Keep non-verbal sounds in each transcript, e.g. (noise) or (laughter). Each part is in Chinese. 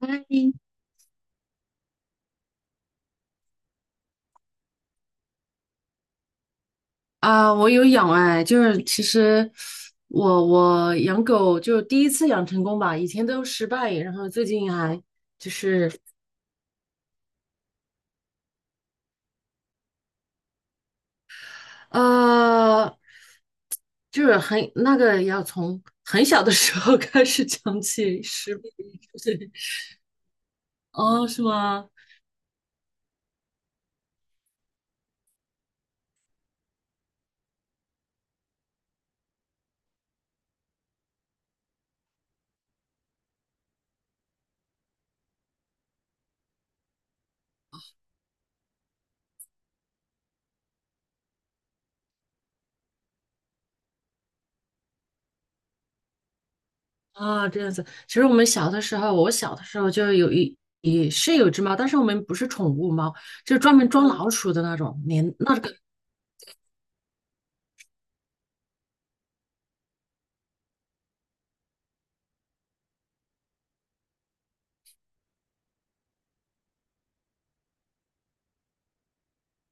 哎啊，我有养哎，就是其实我养狗就第一次养成功吧，以前都失败，然后最近还就是呃，就是很那个要从很小的时候 (laughs) 开始讲起失败。对，哦，是吗？啊，这样子。其实我们小的时候，我小的时候就也是有只猫，但是我们不是宠物猫，就是专门装老鼠的那种，连那个。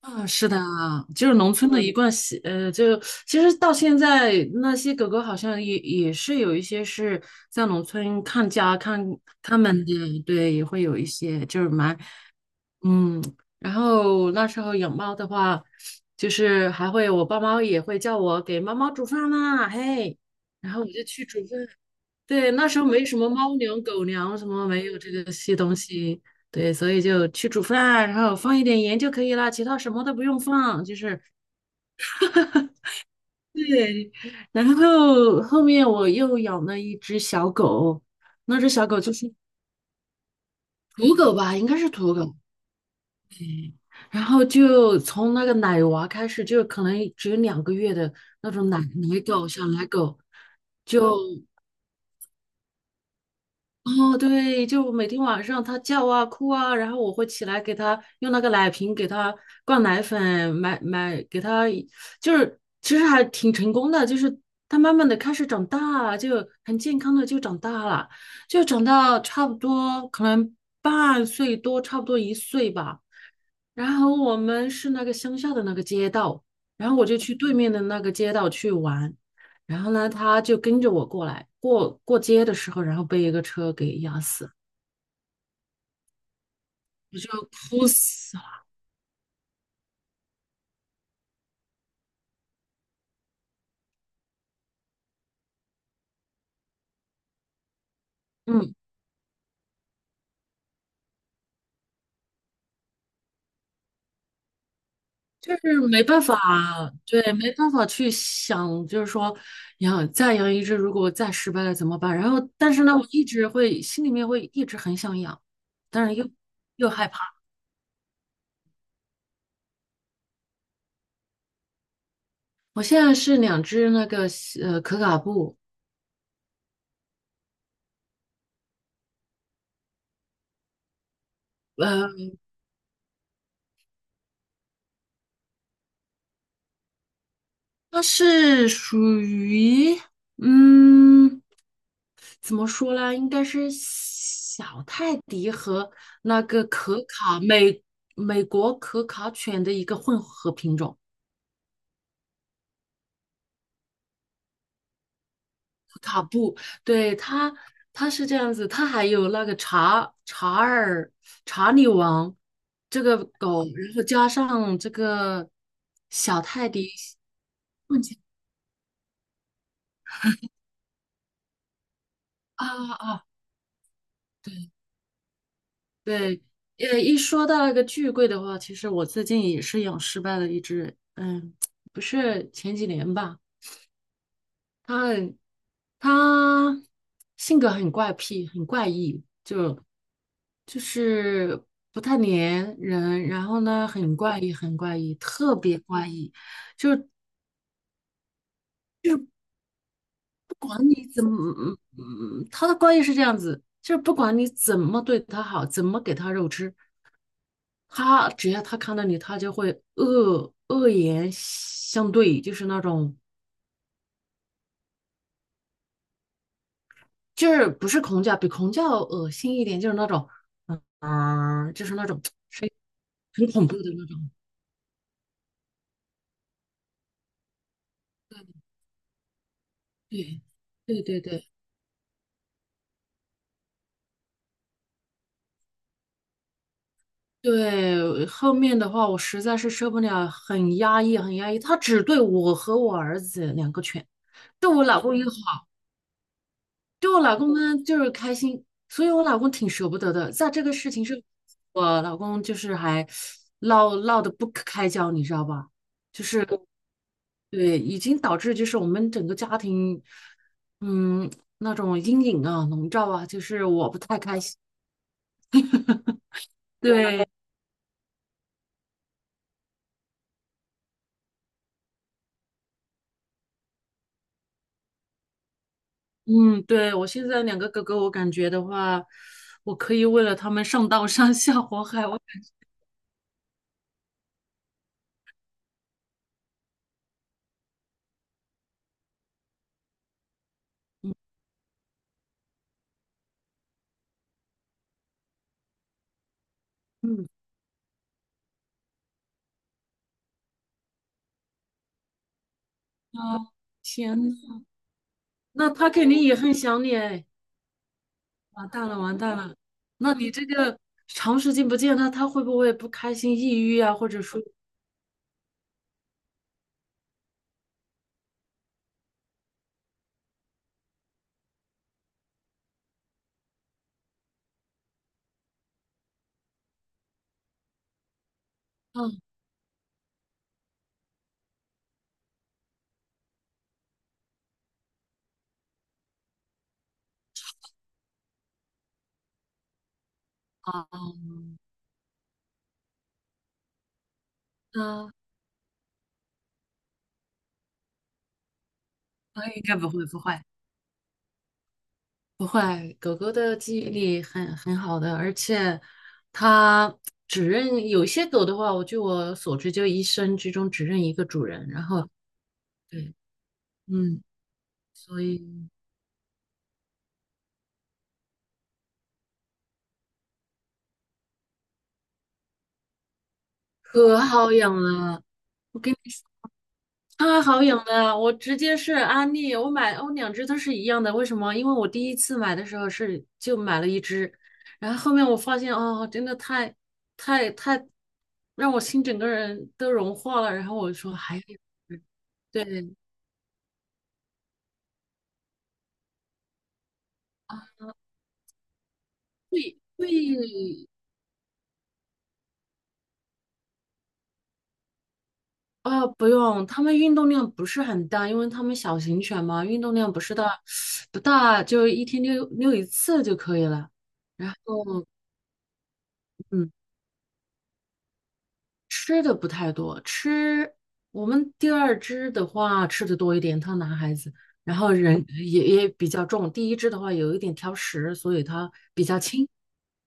啊，是的啊，就是农村的一贯习，就其实到现在那些狗狗好像也是有一些是在农村看家看它们的，对，也会有一些就是蛮，嗯，然后那时候养猫的话，就是还会我爸妈也会叫我给猫猫煮饭啦，嘿，然后我就去煮饭，对，那时候没什么猫粮、狗粮什么，没有这个些东西。对，所以就去煮饭啊，然后放一点盐就可以了，其他什么都不用放。就是对，然后后面我又养了一只小狗，那只小狗就是土狗吧，应该是土狗。然后就从那个奶娃开始，就可能只有2个月的那种奶奶狗、小奶狗，就哦，对，就每天晚上他叫啊哭啊，然后我会起来给他用那个奶瓶给他灌奶粉，买给他，就是其实还挺成功的，就是他慢慢的开始长大，就很健康的就长大了，就长到差不多可能半岁多，差不多1岁吧。然后我们是那个乡下的那个街道，然后我就去对面的那个街道去玩，然后呢，他就跟着我过来，过街的时候，然后被一个车给压死，我就哭死了。嗯，就是没办法，对，没办法去想，就是说再养一只，如果再失败了怎么办？然后，但是呢，我一直会心里面会一直很想养，但是又害怕。我现在是两只那个可卡布。呃。它是属于，嗯，怎么说呢？应该是小泰迪和那个可卡美美国可卡犬的一个混合品种，可卡布。对，它是这样子，它还有那个查理王这个狗，然后加上这个小泰迪混起啊啊。对，一说到那个巨贵的话，其实我最近也是养失败了一只，嗯，不是前几年吧，它很，它性格很怪癖，很怪异，就是不太粘人，然后呢，很怪异，很怪异，特别怪异。你怎么，嗯嗯，它的怪异是这样子，就是不管你怎么对它好，怎么给它肉吃，它只要看到你，它就会恶言相对，就是那种。就是不是恐叫，比恐叫恶心一点，就是那种，嗯、就是那种声音很恐怖的那种。对，对对对对，后面的话我实在是受不了，很压抑，很压抑。他只对我和我儿子两个犬，对我老公也好，对我老公呢就是开心，所以我老公挺舍不得的。在这个事情上，我老公就是还闹得不可开交，你知道吧？就是。对，已经导致就是我们整个家庭，嗯，那种阴影啊、笼罩啊，就是我不太开心。对，嗯，对，我现在两个哥哥，我感觉的话，我可以为了他们上刀山下火海。我，嗯啊，天呐，那他肯定也很想你哎，完蛋了，完蛋了。那你这个长时间不见他，他会不会不开心、抑郁啊，或者说，嗯啊啊，那应该不会，不会。不会，狗狗的记忆力很好的，而且它只认有些狗的话，我据我所知，就一生之中只认一个主人。然后，对，嗯，所以可好养了，我跟你说，太好养了，我直接是安利，我两只都是一样的，为什么？因为我第一次买的时候是就买了一只，然后后面我发现哦，真的太太太让我心整个人都融化了，然后我说还有一对。对，啊、不用，他们运动量不是很大，因为他们小型犬嘛，运动量不是大，不大，就一天遛遛一次就可以了。然后，嗯，吃的不太多，我们第二只的话吃的多一点，它男孩子，然后人也比较重，第一只的话有一点挑食，所以它比较轻。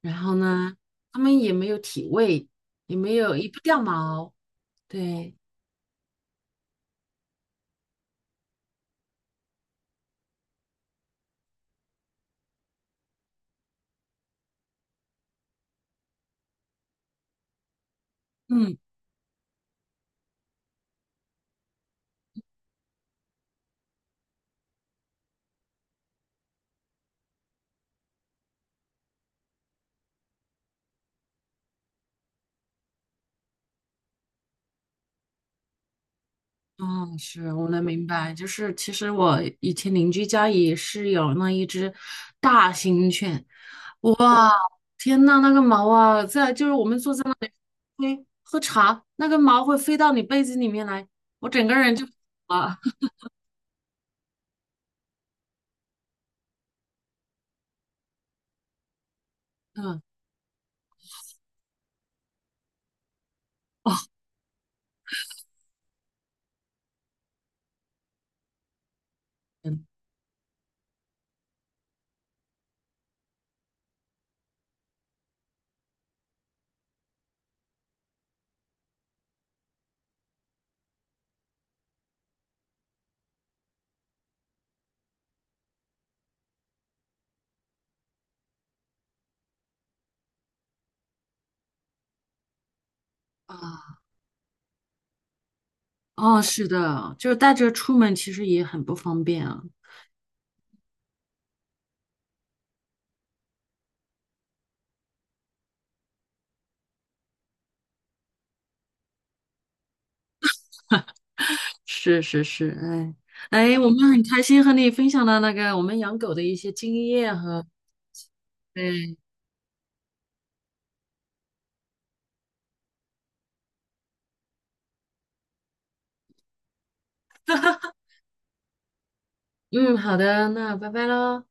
然后呢，它们也没有体味，也没有也不掉毛，对，嗯。嗯，是我能明白，就是其实我以前邻居家也是有那一只大型犬，哇，天呐，那个毛啊，就是我们坐在那里喝茶，那个毛会飞到你被子里面来，我整个人就啊，(laughs) 嗯，哦，嗯啊，哦，是的，就是带着出门其实也很不方便啊，是是是，哎哎，我们很开心和你分享了那个我们养狗的一些经验和，对，嗯，好的，那拜拜喽。